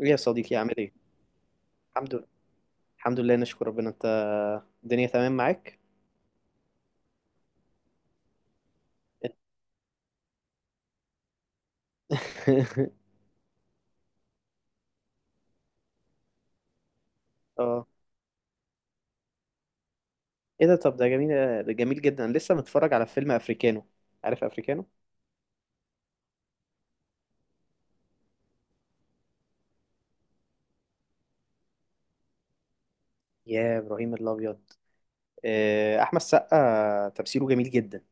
ايه يا صديقي، عامل ايه؟ الحمد لله. الحمد لله، نشكر ربنا. انت الدنيا تمام معاك؟ اه. ايه ده، طب ده جميل. ده جميل جدا، لسه متفرج على فيلم افريكانو. عارف افريكانو؟ يا ابراهيم الابيض. احمد السقا تمثيله جميل جدا.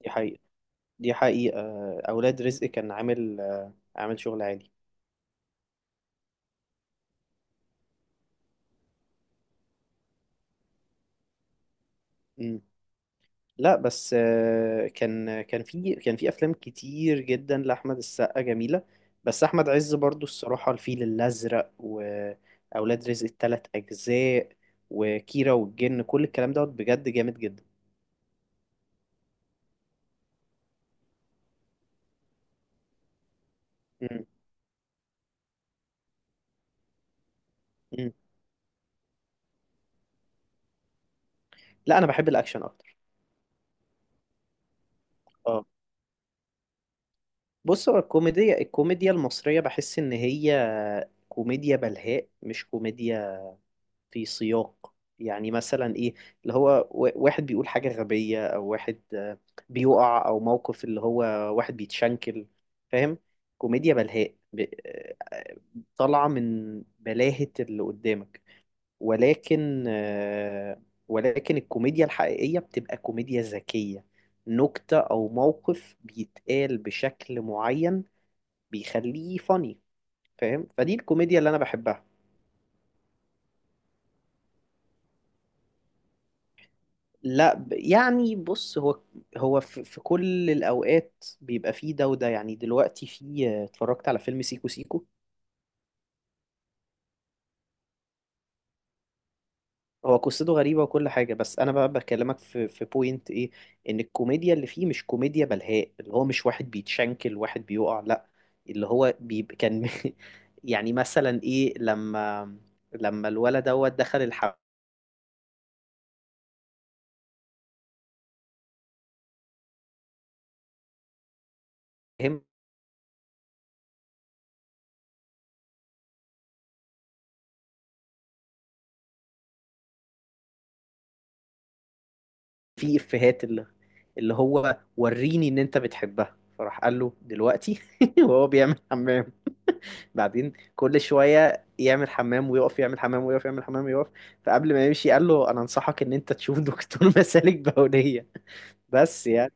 دي حقيقة. دي حقيقة. اولاد رزق كان عامل عامل شغل عالي. مم. لا بس كان في افلام كتير جدا لاحمد السقا جميله. بس احمد عز برضو الصراحه، الفيل الازرق واولاد رزق الثلاث اجزاء وكيرة والجن، كل الكلام دوت بجد جامد جدا. مم. مم. لا انا بحب الاكشن اكتر. اه بص، هو الكوميديا المصريه بحس ان هي كوميديا بلهاء، مش كوميديا في سياق. يعني مثلا ايه، اللي هو واحد بيقول حاجة غبية، او واحد بيقع، او موقف اللي هو واحد بيتشنكل، فاهم؟ كوميديا بلهاء، طالعة من بلاهة اللي قدامك. ولكن ولكن الكوميديا الحقيقية بتبقى كوميديا ذكية، نكتة او موقف بيتقال بشكل معين بيخليه فاني، فاهم؟ فدي الكوميديا اللي انا بحبها. لا يعني بص، هو في كل الأوقات بيبقى فيه ده وده. يعني دلوقتي فيه، اتفرجت على فيلم سيكو سيكو، هو قصته غريبة وكل حاجة، بس أنا بقى بكلمك في بوينت إيه، إن الكوميديا اللي فيه مش كوميديا بلهاء اللي هو مش واحد بيتشنكل، واحد بيقع، لا. اللي هو بيبقى كان يعني مثلا إيه، لما الولد دوت دخل الحمام، في إفيهات اللي هو وريني إن أنت بتحبها، فراح قال له دلوقتي وهو بيعمل حمام، بعدين كل شوية يعمل حمام ويقف، يعمل حمام ويقف، يعمل حمام ويقف، فقبل ما يمشي قال له أنا أنصحك إن أنت تشوف دكتور مسالك بولية. بس يعني.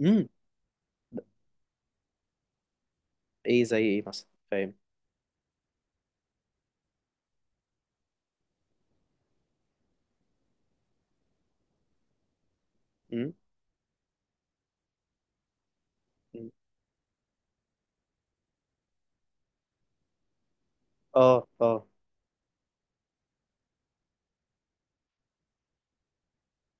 امم إيه زي إيه مثلا، فاهم؟ امم أمم. آه آه.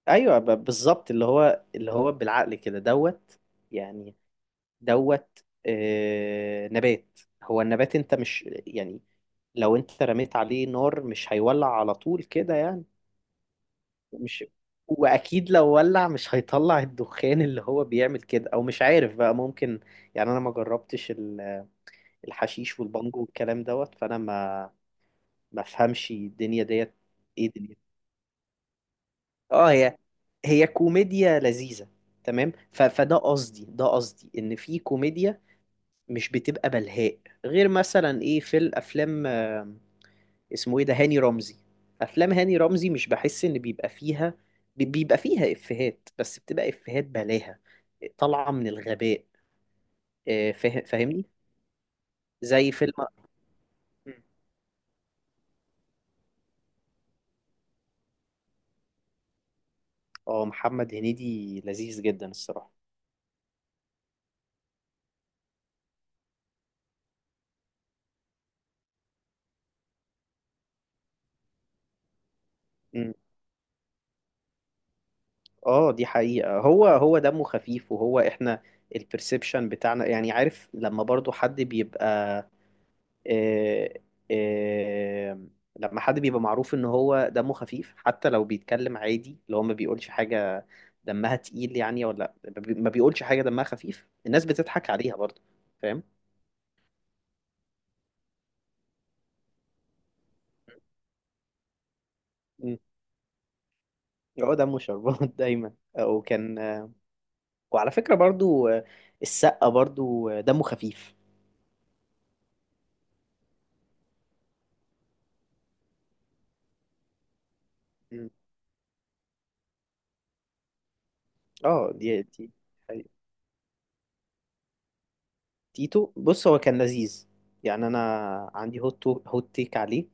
أيوه بالظبط، اللي هو بالعقل كده دوت يعني. دوت، آه نبات، هو النبات أنت مش يعني لو أنت رميت عليه نار مش هيولع على طول كده يعني. مش، واكيد لو ولع مش هيطلع الدخان اللي هو بيعمل كده، او مش عارف بقى، ممكن يعني. انا ما جربتش الحشيش والبانجو والكلام دوت، فانا ما افهمش الدنيا ديت. ايه دنيا. اه. هي كوميديا لذيذة، تمام. فده قصدي، ده قصدي ان في كوميديا مش بتبقى بلهاء. غير مثلا ايه، في الافلام، اسمه ايه ده، هاني رمزي. افلام هاني رمزي مش بحس ان بيبقى فيها بيبقى فيها افيهات، بس بتبقى افيهات بلاهة طالعة من الغباء. فاهمني؟ زي فيلم. اه، محمد هنيدي لذيذ جدا الصراحة. مم. اه دي حقيقة. هو دمه خفيف، وهو احنا البرسبشن بتاعنا يعني. عارف لما برضو حد بيبقى، آه، آه، لما حد بيبقى معروف ان هو دمه خفيف، حتى لو بيتكلم عادي اللي هو ما بيقولش حاجة دمها تقيل يعني، ولا ما بيقولش حاجة دمها خفيف، الناس بتضحك عليها برضه، فاهم؟ مم. هو دمه شربات دايما. آه، وكان آه، وعلى فكرة برضه السقا برضه دمه خفيف. مم. اه دي حقيقة. تيتو، بص هو كان لذيذ. يعني انا عندي هوت تيك عليه.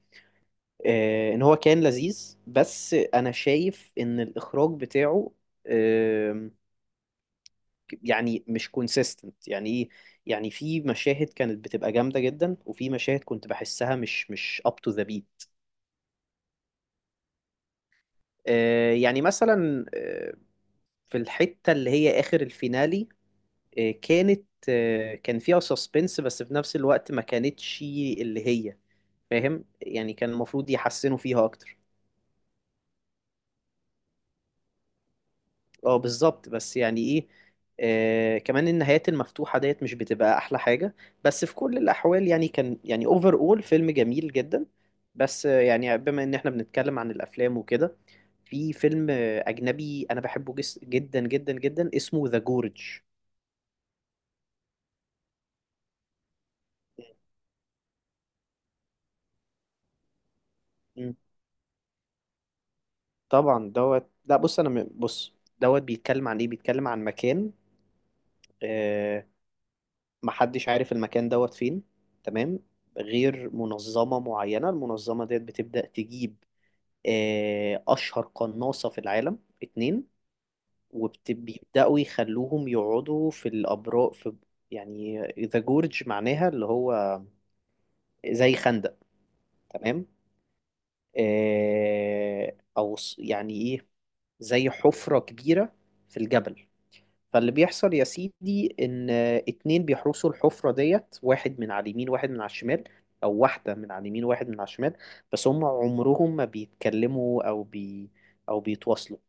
ان هو كان لذيذ بس انا شايف ان الاخراج بتاعه آم، يعني مش كونسيستنت. يعني ايه، يعني في مشاهد كانت بتبقى جامده جدا، وفي مشاهد كنت بحسها مش اب تو ذا بيت. يعني مثلا في الحته اللي هي اخر الفينالي، كان فيها سسبنس، بس في نفس الوقت ما كانتش اللي هي، فاهم يعني. كان المفروض يحسنوا فيها اكتر. اه بالظبط. بس يعني ايه، آه كمان النهايات المفتوحة ديت مش بتبقى احلى حاجة. بس في كل الاحوال يعني كان يعني اوفر اول، فيلم جميل جدا. بس يعني بما ان احنا بنتكلم عن الافلام وكده، في فيلم اجنبي انا بحبه جس جدا جدا جدا، اسمه ذا جورج. مم. طبعا دوت. لا بص انا بص، دوت بيتكلم عن ايه، بيتكلم عن مكان آه محدش عارف المكان دوت فين، تمام، غير منظمة معينة. المنظمة ديت بتبدأ تجيب أشهر قناصة في العالم، اتنين. وبيبدأوا يخلوهم يقعدوا في الأبراج في، يعني ذا جورج معناها اللي هو زي خندق، تمام. أو يعني إيه، زي حفرة كبيرة في الجبل. فاللي بيحصل يا سيدي، إن اتنين بيحرسوا الحفرة ديت، واحد من على اليمين واحد من على الشمال، أو واحدة من على اليمين واحد من على الشمال، بس هم عمرهم ما بيتكلموا أو بيتواصلوا،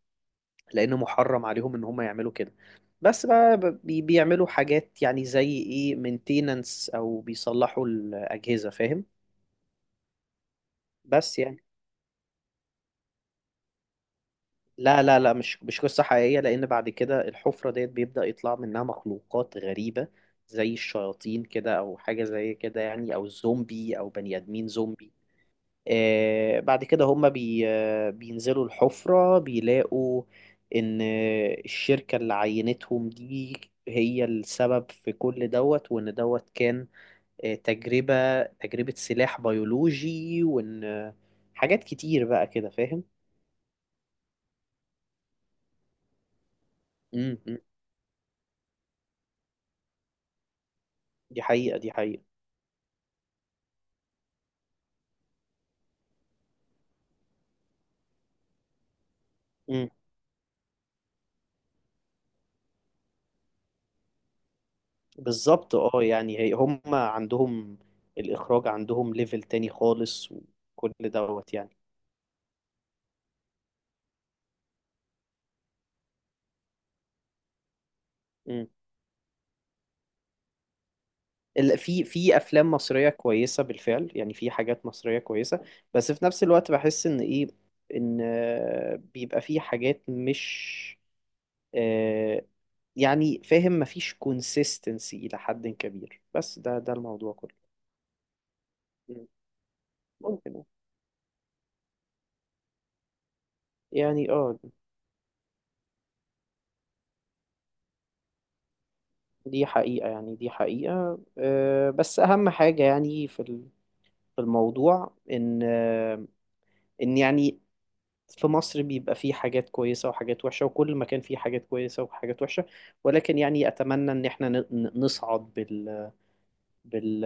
لان محرم عليهم ان هم يعملوا كده، بس بقى بيعملوا حاجات، يعني زي ايه، مينتيننس او بيصلحوا الاجهزه، فاهم؟ بس يعني. لا لا لا مش قصه حقيقيه، لان بعد كده الحفره ديت بيبدا يطلع منها مخلوقات غريبه زي الشياطين كده، او حاجه زي كده يعني، او زومبي، او بني ادمين زومبي. آه، بعد كده هم بي آه، بينزلوا الحفرة بيلاقوا إن الشركة اللي عينتهم دي هي السبب في كل دوت، وإن دوت كان تجربة سلاح بيولوجي، وإن حاجات كتير بقى كده، فاهم؟ مم، مم. دي حقيقة. دي حقيقة. مم. بالظبط، اه. يعني هي هم عندهم الإخراج عندهم ليفل تاني خالص وكل دوت. يعني في افلام مصريه كويسه بالفعل، يعني في حاجات مصريه كويسه. بس في نفس الوقت بحس ان ايه، ان بيبقى في حاجات مش آه، يعني، فاهم، مفيش كونسيستنسي الى حد كبير، بس ده الموضوع كله. مم. ممكن يعني. اه دي حقيقه. يعني دي حقيقه، بس اهم حاجه يعني في في الموضوع، ان ان يعني، في مصر بيبقى فيه حاجات كويسة وحاجات وحشة، وكل مكان فيه حاجات كويسة وحاجات وحشة، ولكن يعني أتمنى إن إحنا نصعد بال...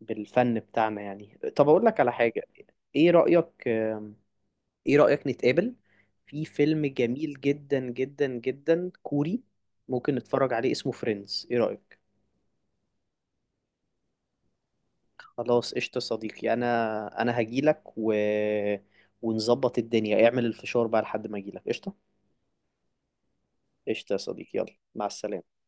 بالفن بتاعنا. يعني طب أقول لك على حاجة، إيه رأيك، إيه رأيك نتقابل في فيلم جميل جدا جدا جدا كوري، ممكن نتفرج عليه، اسمه فريندز، إيه رأيك؟ خلاص قشطة صديقي. أنا هجيلك ونظبط الدنيا، اعمل الفشار بقى لحد ما أجيلك، قشطة. قشطة يا صديقي، يلا مع السلامة.